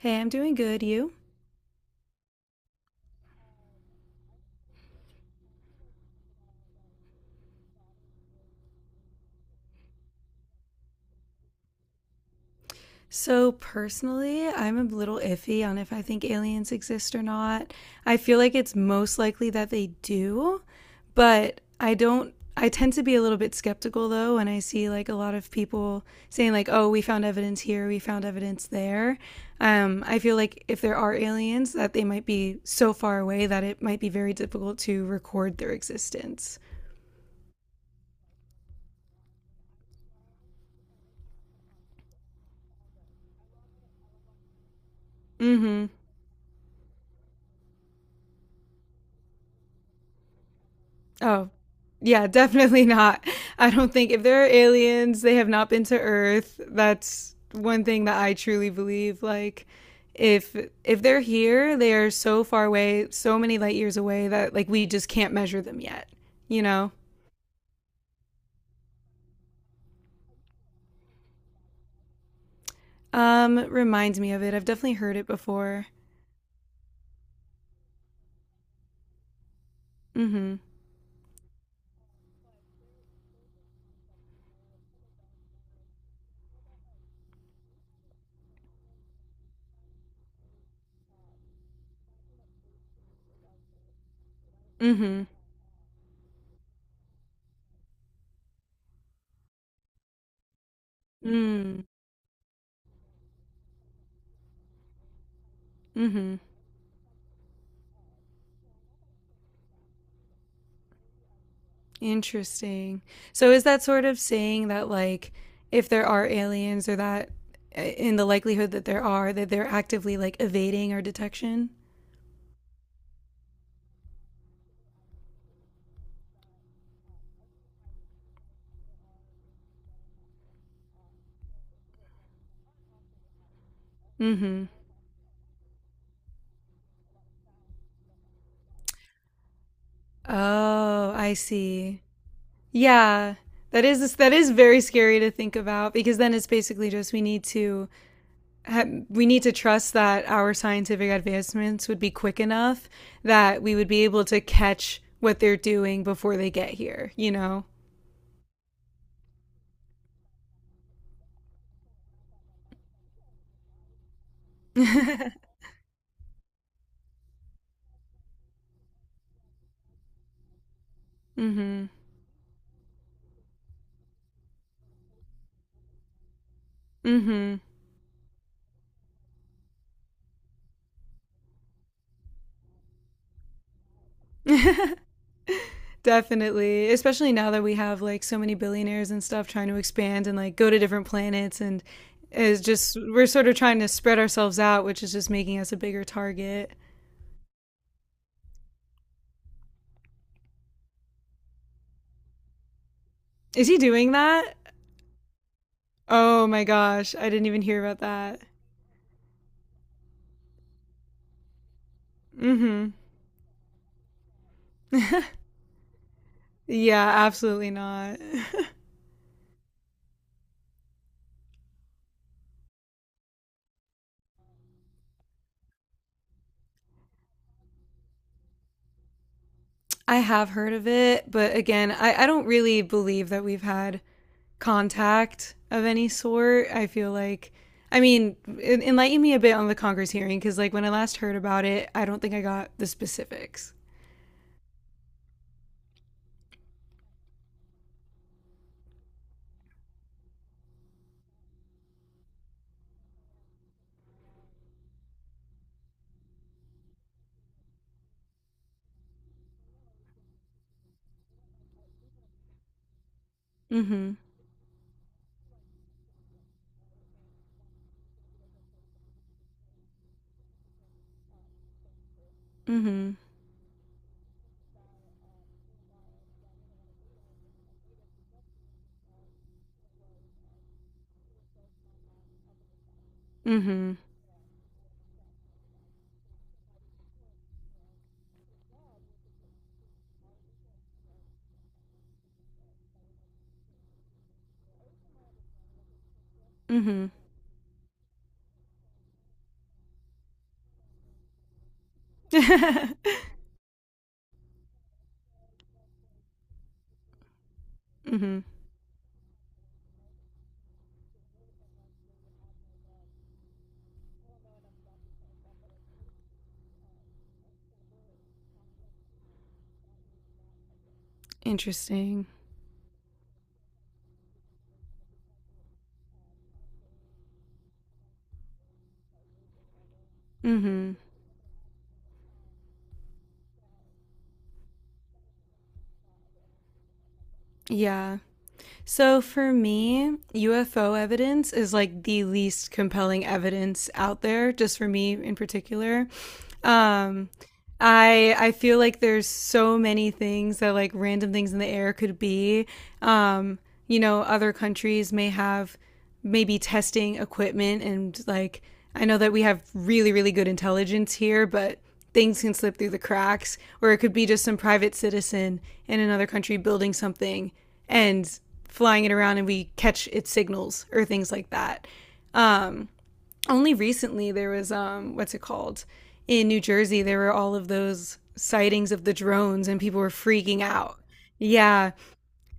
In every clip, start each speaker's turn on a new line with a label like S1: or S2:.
S1: Hey, I'm doing good. You? So, personally, I'm a little iffy on if I think aliens exist or not. I feel like it's most likely that they do, but I don't. I tend to be a little bit skeptical though when I see like a lot of people saying like, "Oh, we found evidence here, we found evidence there." I feel like if there are aliens, that they might be so far away that it might be very difficult to record their existence. Mm-hmm. Oh, yeah, definitely not. I don't think if there are aliens, they have not been to Earth. That's one thing that I truly believe. Like, if if they're here, they are so far away, so many light years away that like we just can't measure them yet. You know. Reminds me of it. I've definitely heard it before. Mm-hmm. Mm-hmm. Mm. Mm-hmm. Interesting. So is that sort of saying that like if there are aliens or that in the likelihood that there are that they're actively like evading our detection? Mhm. Oh, I see. Yeah. That is very scary to think about because then it's basically just we need to we need to trust that our scientific advancements would be quick enough that we would be able to catch what they're doing before they get here, you know? Mhm. Mhm. Definitely, especially now that we have like so many billionaires and stuff trying to expand and like go to different planets and is just we're sort of trying to spread ourselves out, which is just making us a bigger target. Is he doing that? Oh my gosh, I didn't even hear about that. Mhm. Yeah, absolutely not. I have heard of it, but again, I don't really believe that we've had contact of any sort. I feel like, I mean, enlighten me a bit on the Congress hearing because, like, when I last heard about it, I don't think I got the specifics. Mm-hmm. Mm-hmm. Mm-hmm. Mm-hmm. Mm-hmm. Interesting. Mm-hmm. Yeah. So for me, UFO evidence is like the least compelling evidence out there, just for me in particular. Um, I feel like there's so many things that like random things in the air could be. Um, you know, other countries may have maybe testing equipment and like I know that we have really, really good intelligence here, but things can slip through the cracks, or it could be just some private citizen in another country building something and flying it around and we catch its signals or things like that. Only recently there was what's it called? In New Jersey there were all of those sightings of the drones and people were freaking out. Yeah,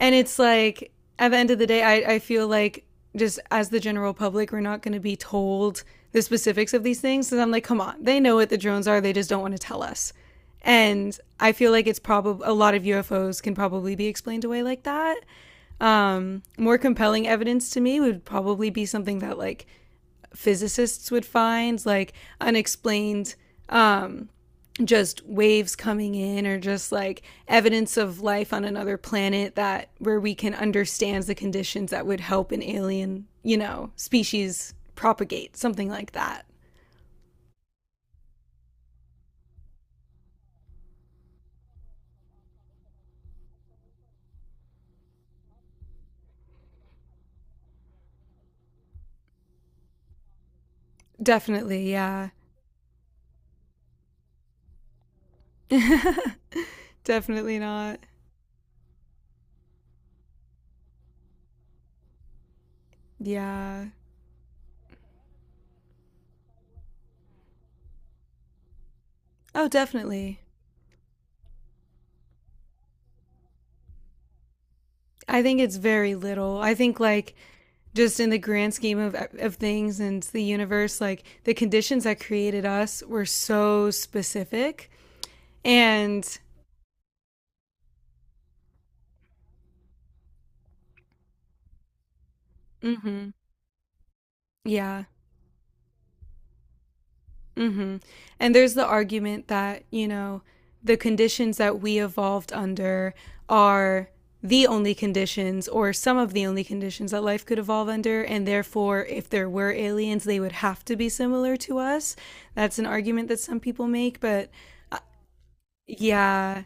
S1: and it's like, at the end of the day, I feel like just as the general public, we're not going to be told the specifics of these things. So I'm like, come on, they know what the drones are. They just don't want to tell us. And I feel like it's probably a lot of UFOs can probably be explained away like that. More compelling evidence to me would probably be something that like physicists would find, like unexplained um, just waves coming in or just like evidence of life on another planet that where we can understand the conditions that would help an alien, you know, species propagate, something like that. Definitely, yeah. Definitely not. Yeah. Oh, definitely. I think it's very little. I think like just in the grand scheme of things and the universe, like the conditions that created us were so specific and mhm. Yeah. Mm-hmm. And there's the argument that, you know, the conditions that we evolved under are the only conditions or some of the only conditions that life could evolve under. And therefore, if there were aliens, they would have to be similar to us. That's an argument that some people make. But yeah.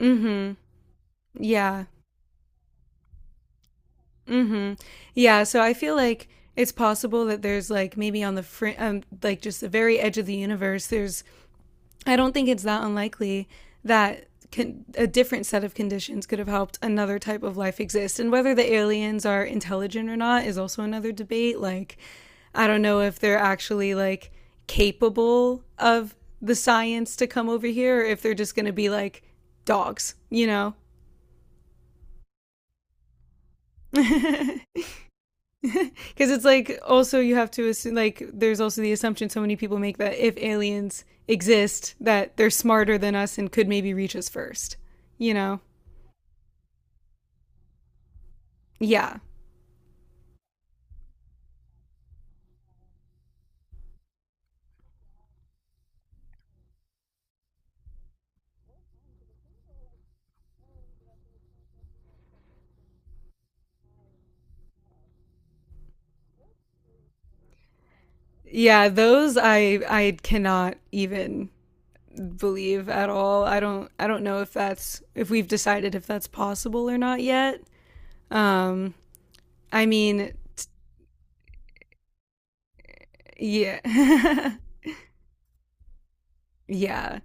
S1: Mm-hmm. Yeah. Mm-hmm. Yeah. So I feel like it's possible that there's like maybe on the like just the very edge of the universe, there's I don't think it's that unlikely that a different set of conditions could have helped another type of life exist. And whether the aliens are intelligent or not is also another debate. Like, I don't know if they're actually like capable of the science to come over here or if they're just going to be like dogs, you know? Because it's like also you have to assume, like, there's also the assumption so many people make that if aliens exist, that they're smarter than us and could maybe reach us first, you know? Yeah. Yeah, those I cannot even believe at all. I don't know if that's if we've decided if that's possible or not yet. Um I mean, yeah. Yeah.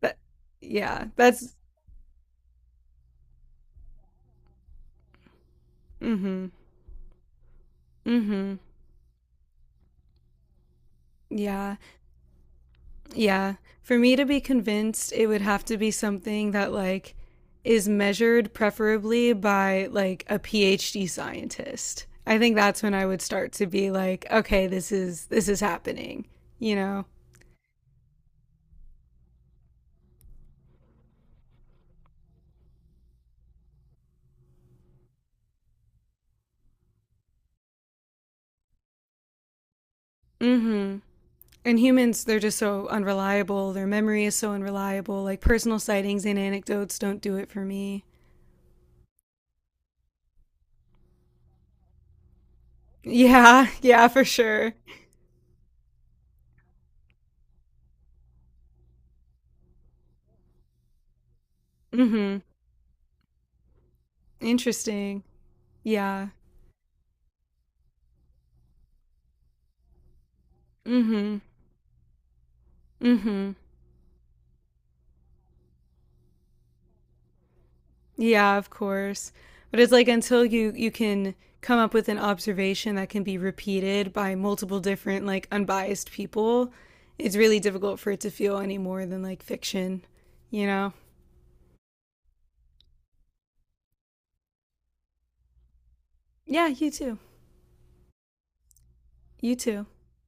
S1: But yeah, that's mhm. Mhm. Yeah. Yeah. For me to be convinced, it would have to be something that like is measured preferably by like a PhD scientist. I think that's when I would start to be like, okay, this is happening, you know. Mhm. And humans, they're just so unreliable. Their memory is so unreliable. Like personal sightings and anecdotes don't do it for me. Yeah, yeah, for sure. Mhm. Interesting. Yeah. Mhm. Mhm. Yeah, of course. But it's like until you can come up with an observation that can be repeated by multiple different like unbiased people, it's really difficult for it to feel any more than like fiction, you know? Yeah, you too. You too.